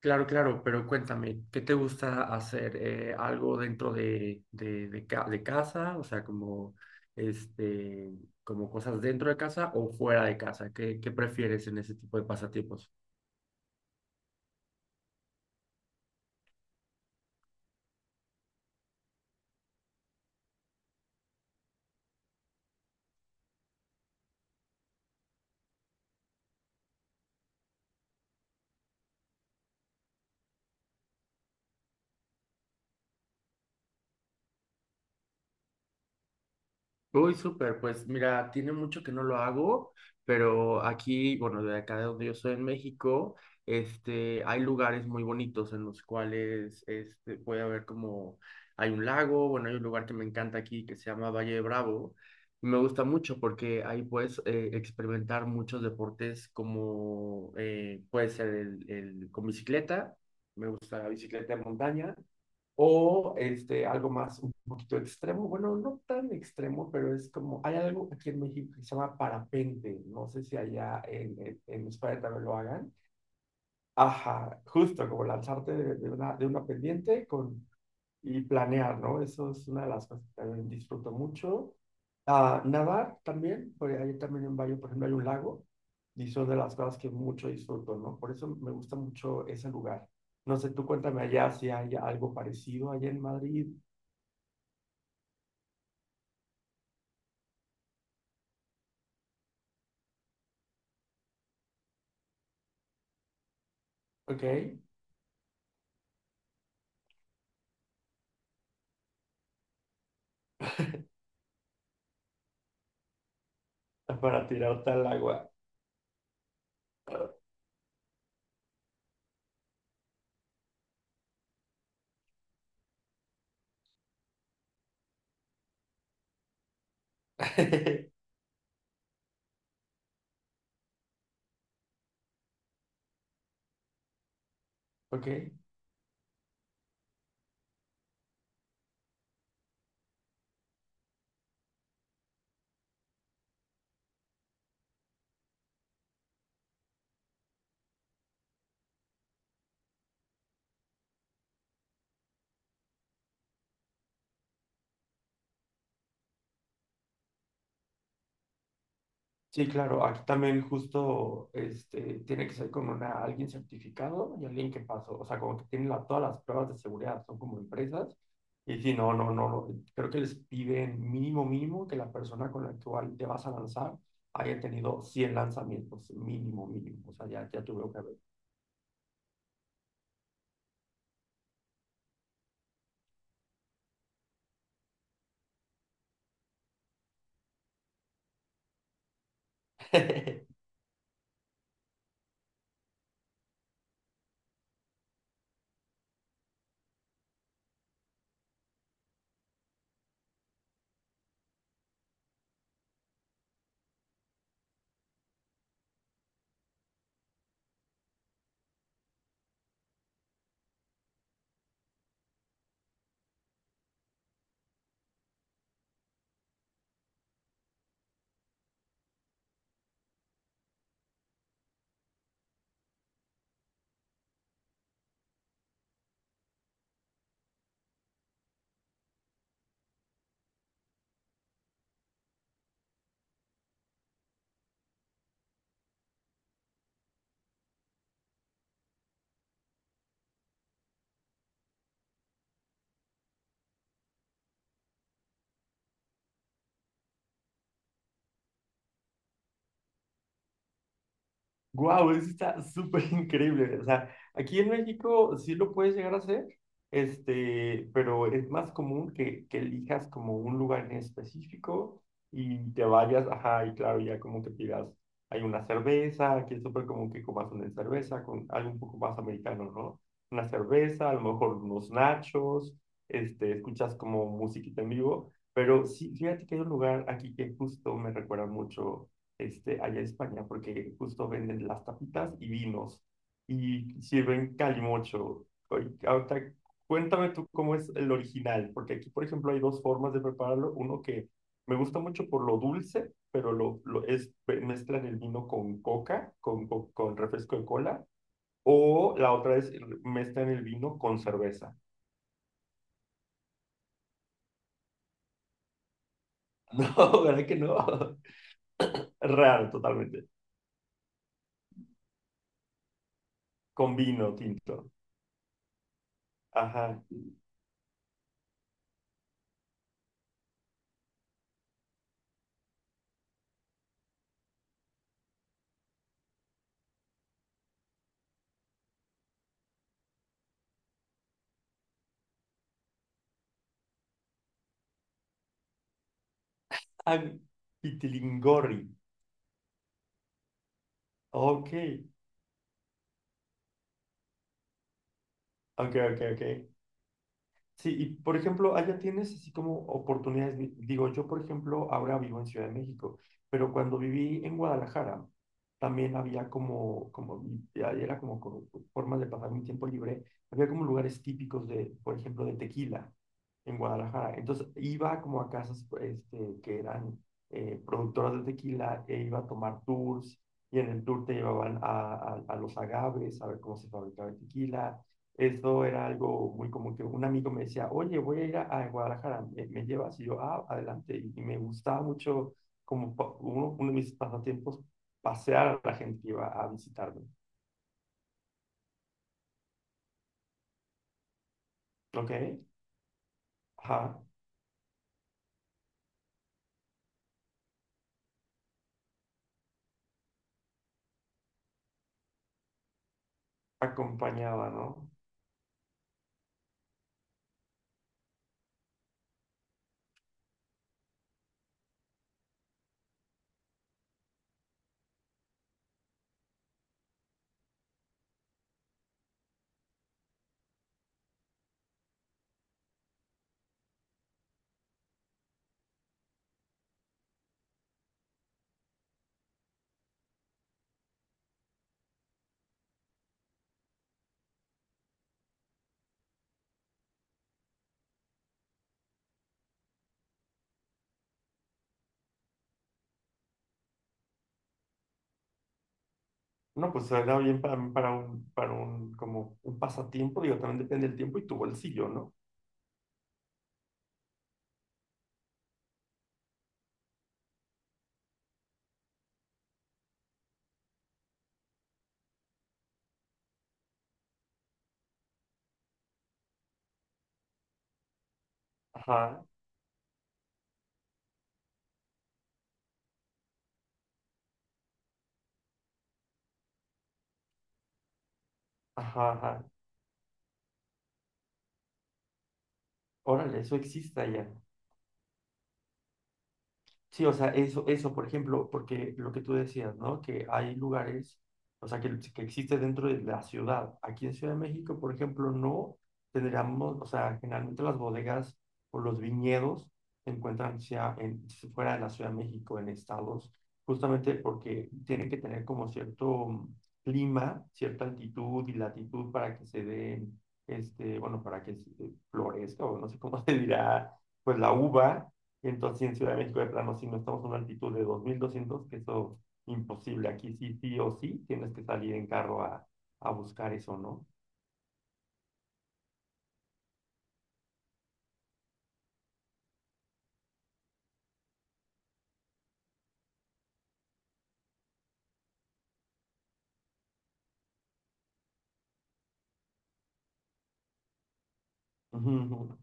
Claro, claro, pero cuéntame, ¿qué te gusta hacer? ¿Algo dentro de casa? O sea, como, este, como cosas dentro de casa o fuera de casa. ¿Qué prefieres en ese tipo de pasatiempos? Uy, súper, pues mira, tiene mucho que no lo hago, pero aquí, bueno, de acá de donde yo soy en México, hay lugares muy bonitos en los cuales puede haber como, hay un lago, bueno, hay un lugar que me encanta aquí que se llama Valle de Bravo. Me gusta mucho porque ahí puedes experimentar muchos deportes como puede ser con bicicleta, me gusta la bicicleta de montaña o algo más, un poquito extremo, bueno, no tan extremo, pero es como, hay algo aquí en México que se llama parapente, no sé si allá en España también lo hagan. Ajá, justo como lanzarte de una pendiente con, y planear, ¿no? Eso es una de las cosas que también disfruto mucho. Ah, nadar también, porque hay también un baño, por ejemplo, hay un lago, y son de las cosas que mucho disfruto, ¿no? Por eso me gusta mucho ese lugar. No sé, tú cuéntame allá si hay algo parecido allá en Madrid. ¿Ok? Para tirar tal agua. ¿Ok? Sí, claro, aquí también justo tiene que ser con una, alguien certificado y alguien que pasó, o sea, como que tienen la- todas las pruebas de seguridad, son como empresas, y si no, no, no, no, creo que les piden mínimo, mínimo que la persona con la cual te vas a lanzar haya tenido 100 lanzamientos, mínimo, mínimo, o sea, ya, ya tuve que ver. Guau, eso está súper increíble. O sea, aquí en México sí lo puedes llegar a hacer, pero es más común que elijas como un lugar en específico y te vayas, ajá, y claro, ya como que pidas, hay una cerveza, aquí es súper común que comas una cerveza con algo un poco más americano, ¿no? Una cerveza, a lo mejor unos nachos, escuchas como musiquita en vivo, pero sí, fíjate que hay un lugar aquí que justo me recuerda mucho allá en España, porque justo venden las tapitas y vinos y sirven calimocho. Oy, ahorita, cuéntame tú cómo es el original, porque aquí, por ejemplo, hay dos formas de prepararlo. Uno que me gusta mucho por lo dulce, pero mezclan el vino con coca, con refresco de cola, o la otra es mezclan el vino con cerveza. No, ¿verdad que no? Raro, totalmente. Con vino tinto. Ajá. Ah, Pitilingorri. Ok, ok, ok, ok. Sí, y por ejemplo, allá tienes así como oportunidades. Digo, yo por ejemplo ahora vivo en Ciudad de México, pero cuando viví en Guadalajara también había como, como, ya era como, como formas de pasar mi tiempo libre. Había como lugares típicos de, por ejemplo, de tequila en Guadalajara. Entonces iba como a casas que eran productoras de tequila e iba a tomar tours y en el tour te llevaban a los agaves, a ver cómo se fabricaba el tequila. Eso era algo muy común que un amigo me decía, oye, voy a ir a Guadalajara, ¿me llevas? Y yo, ah, adelante. Y me gustaba mucho, como uno de mis pasatiempos, pasear a la gente que iba a visitarme. ¿Ok? Ajá. Acompañaba, ¿no? No, pues era bien para mí, como un pasatiempo, digo, también depende del tiempo y tu bolsillo, ¿no? Ajá, ajá, ajá. Órale, eso existe allá. Sí, o sea, eso, por ejemplo, porque lo que tú decías, ¿no? Que hay lugares, o sea, que existe dentro de la ciudad. Aquí en Ciudad de México, por ejemplo, no tendríamos, o sea, generalmente las bodegas o los viñedos se encuentran sea en, fuera de la Ciudad de México, en estados, justamente porque tienen que tener como cierto clima, cierta altitud y latitud para que se den, bueno, para que florezca, o no sé cómo se dirá, pues la uva y entonces sí, en Ciudad de México de plano, si no estamos a una altitud de 2200, que eso imposible. Aquí sí, sí o sí, tienes que salir en carro a buscar eso, ¿no? Ujú.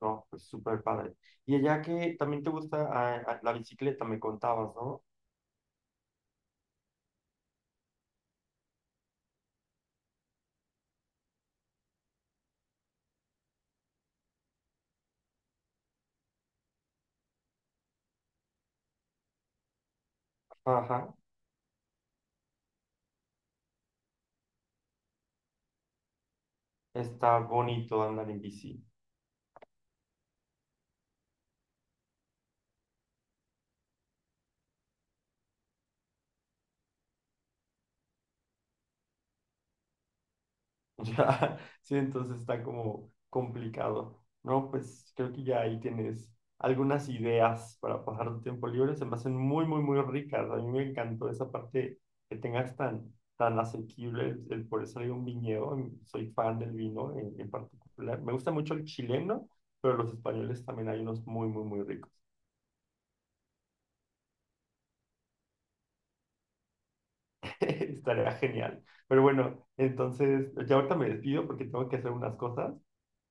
No, pues súper padre. Y allá que también te gusta la bicicleta, me contabas, ¿no? Ajá, está bonito andar en bici. Ya, sí, entonces está como complicado, ¿no? Pues creo que ya ahí tienes algunas ideas para pasar tu tiempo libre. Se me hacen muy, muy, muy ricas. A mí me encantó esa parte que tengas tan, tan asequible el poder salir a un viñedo. Soy fan del vino en particular. Me gusta mucho el chileno, pero los españoles también hay unos muy, muy, muy ricos. Estaría genial. Pero bueno, entonces, ya ahorita me despido porque tengo que hacer unas cosas.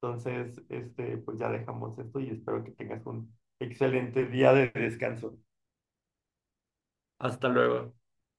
Entonces, pues ya dejamos esto y espero que tengas un excelente día de descanso. Hasta luego.